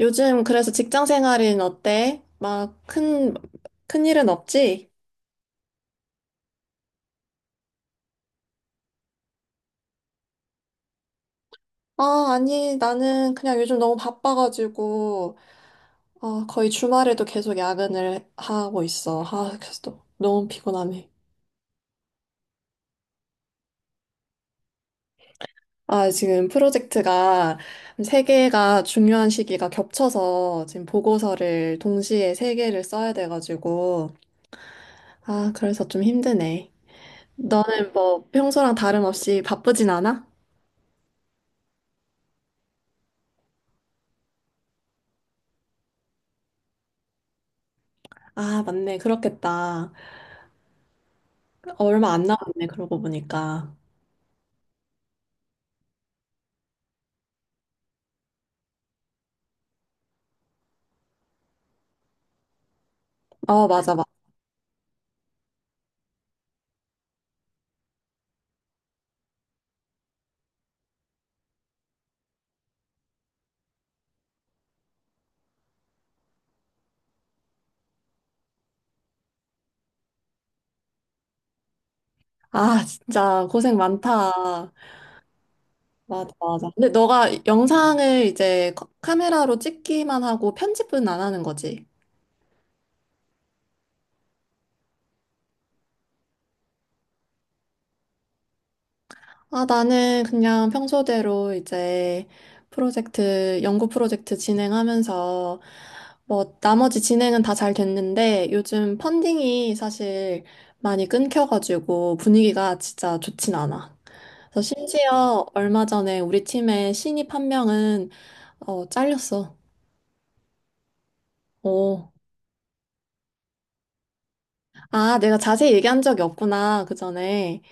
요즘 그래서 직장 생활은 어때? 막 큰 일은 없지? 아, 아니, 나는 그냥 요즘 너무 바빠가지고, 아, 거의 주말에도 계속 야근을 하고 있어. 아, 그래서 또 너무 피곤하네. 아, 지금 프로젝트가 세 개가 중요한 시기가 겹쳐서 지금 보고서를 동시에 세 개를 써야 돼가지고, 아, 그래서 좀 힘드네. 너는 뭐 평소랑 다름없이 바쁘진 않아? 아, 맞네. 그렇겠다. 어, 얼마 안 남았네, 그러고 보니까. 어, 맞아, 맞아. 아, 진짜 고생 많다. 맞아, 맞아. 근데 너가 영상을 이제 카메라로 찍기만 하고 편집은 안 하는 거지? 아, 나는 그냥 평소대로 이제 프로젝트, 연구 프로젝트 진행하면서 뭐 나머지 진행은 다 잘 됐는데 요즘 펀딩이 사실 많이 끊겨가지고 분위기가 진짜 좋진 않아. 그래서 심지어 얼마 전에 우리 팀의 신입 한 명은 어, 잘렸어. 오. 아, 내가 자세히 얘기한 적이 없구나, 그 전에.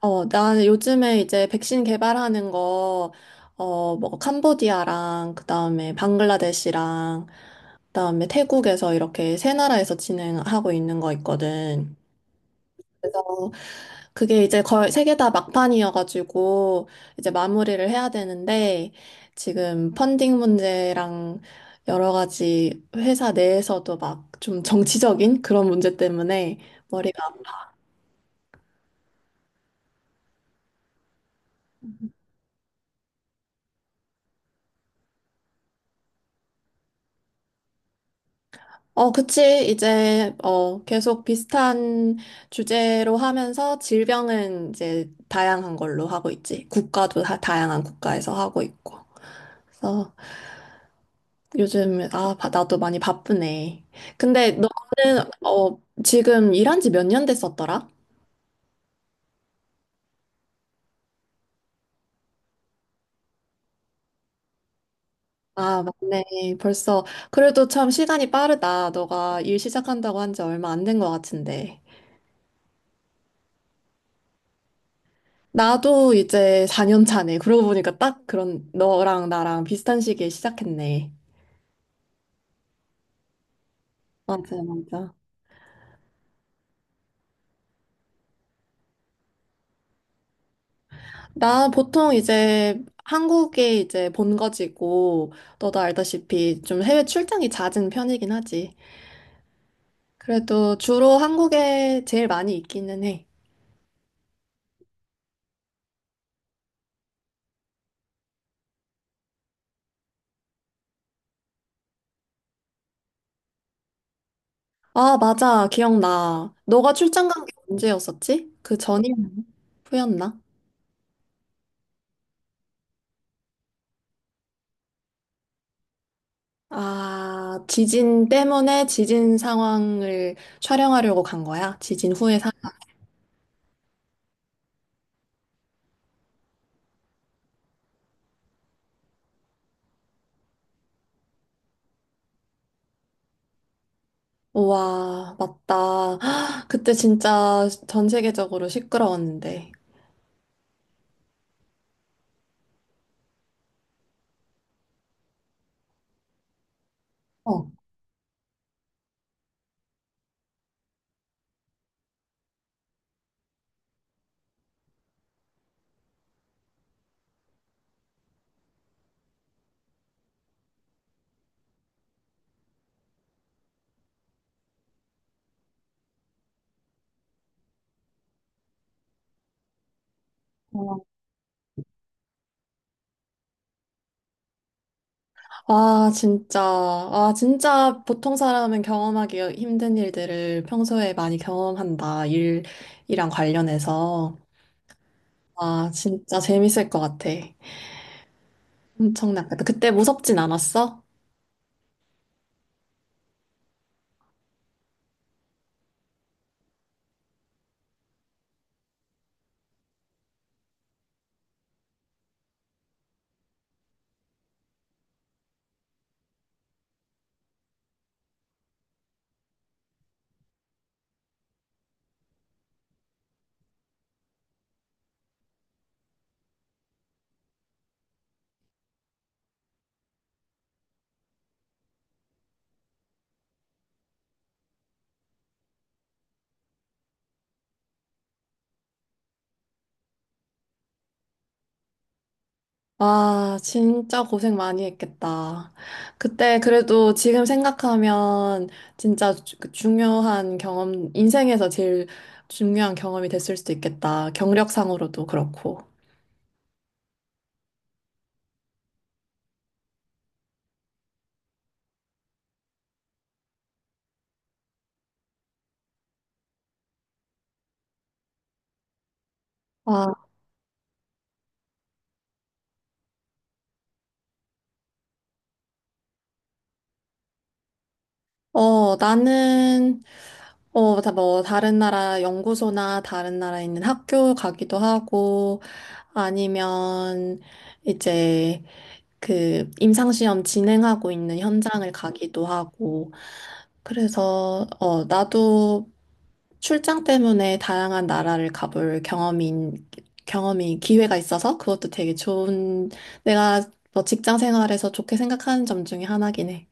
어, 나 요즘에 이제 백신 개발하는 거, 어, 뭐, 캄보디아랑, 그 다음에 방글라데시랑, 그 다음에 태국에서 이렇게 세 나라에서 진행하고 있는 거 있거든. 그래서 그게 이제 거의 세 개 다 막판이어가지고 이제 마무리를 해야 되는데 지금 펀딩 문제랑 여러 가지 회사 내에서도 막 좀 정치적인 그런 문제 때문에 머리가 아파. 어, 그치. 이제 어, 계속 비슷한 주제로 하면서 질병은 이제 다양한 걸로 하고 있지. 국가도 다 다양한 국가에서 하고 있고. 그래서 요즘, 아, 나도 많이 바쁘네. 근데 너는, 어, 지금 일한 지 몇 년 됐었더라? 아, 맞네. 벌써, 그래도 참 시간이 빠르다. 너가 일 시작한다고 한지 얼마 안 된 것 같은데. 나도 이제 4년 차네. 그러고 보니까 딱 그런, 너랑 나랑 비슷한 시기에 시작했네. 맞아, 맞아. 나 보통 이제 한국에 이제 본거지고, 너도 알다시피 좀 해외 출장이 잦은 편이긴 하지. 그래도 주로 한국에 제일 많이 있기는 해. 아, 맞아. 기억나. 너가 출장 간 게 언제였었지? 그 전이었나? 후였나? 아, 지진 때문에 지진 상황을 촬영하려고 간 거야? 지진 후의 상황? 우와, 맞다. 헉, 그때 진짜 전 세계적으로 시끄러웠는데. 어. 아, 진짜. 아, 진짜 보통 사람은 경험하기 힘든 일들을 평소에 많이 경험한다. 일이랑 관련해서. 아, 진짜 재밌을 것 같아. 엄청 낫겠다. 그때 무섭진 않았어? 와, 진짜 고생 많이 했겠다. 그때 그래도 지금 생각하면 진짜 그 중요한 경험, 인생에서 제일 중요한 경험이 됐을 수도 있겠다. 경력상으로도 그렇고. 와, 어, 나는, 어, 다 뭐, 다른 나라 연구소나 다른 나라에 있는 학교 가기도 하고, 아니면 이제 그 임상시험 진행하고 있는 현장을 가기도 하고, 그래서, 어, 나도 출장 때문에 다양한 나라를 가볼 경험이, 기회가 있어서 그것도 되게 좋은, 내가 뭐 직장 생활에서 좋게 생각하는 점 중에 하나긴 해.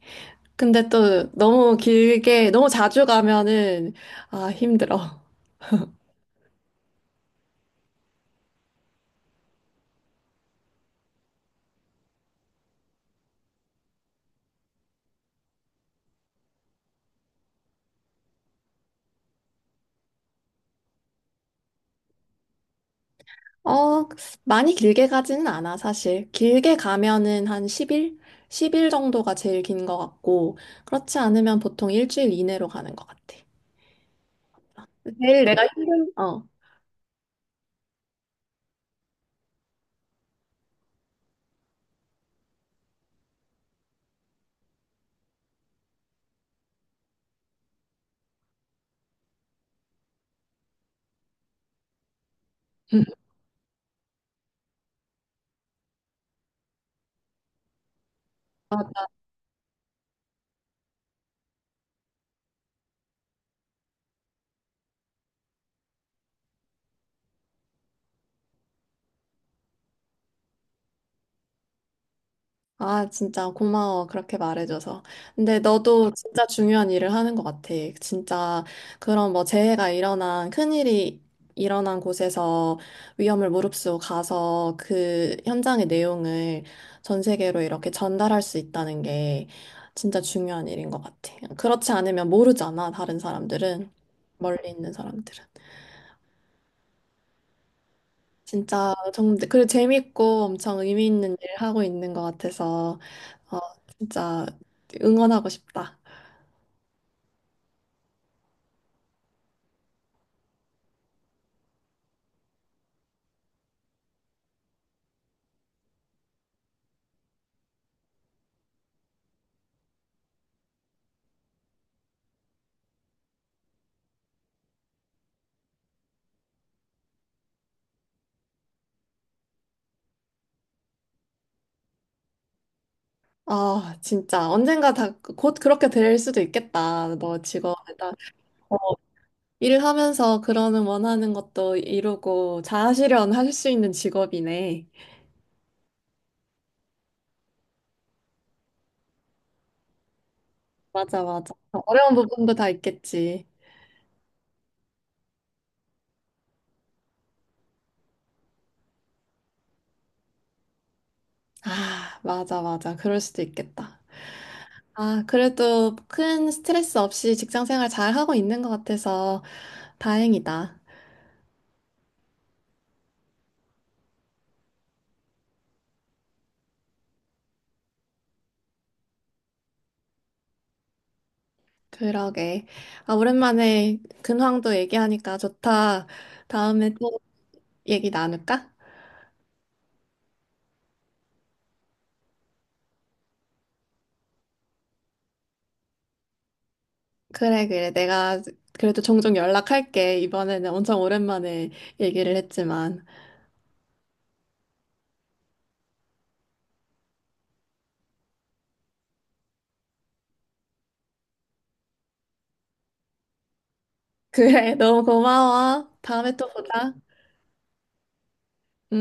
근데 또 너무 길게, 너무 자주 가면은, 아, 힘들어. 어, 많이 길게 가지는 않아, 사실. 길게 가면은 한 10일? 10일 정도가 제일 긴 것 같고, 그렇지 않으면 보통 일주일 이내로 가는 것 같아. 제일 내가 힘든, 어. 아, 진짜 고마워. 그렇게 말해줘서. 근데 너도 진짜 중요한 일을 하는 것 같아. 진짜 그런 뭐 재해가 일어난, 큰일이 일어난 곳에서 위험을 무릅쓰고 가서 그 현장의 내용을 전 세계로 이렇게 전달할 수 있다는 게 진짜 중요한 일인 것 같아. 그렇지 않으면 모르잖아, 다른 사람들은. 멀리 있는 사람들은. 진짜 정말 그리고 재밌고 엄청 의미 있는 일을 하고 있는 것 같아서 어, 진짜 응원하고 싶다. 아, 진짜 언젠가 다 곧 그렇게 될 수도 있겠다. 너 직업에다 어, 일하면서 그러는 원하는 것도 이루고 자아실현 할 수 있는 직업이네. 맞아, 맞아. 어려운 부분도 다 있겠지. 아, 맞아, 맞아. 그럴 수도 있겠다. 아, 그래도 큰 스트레스 없이 직장 생활 잘 하고 있는 것 같아서 다행이다. 그러게. 아, 오랜만에 근황도 얘기하니까 좋다. 다음에 또 얘기 나눌까? 그래, 그래. 내가 그래도 종종 연락할게. 이번에는 엄청 오랜만에 얘기를 했지만. 그래, 너무 고마워. 다음에 또 보자. 응?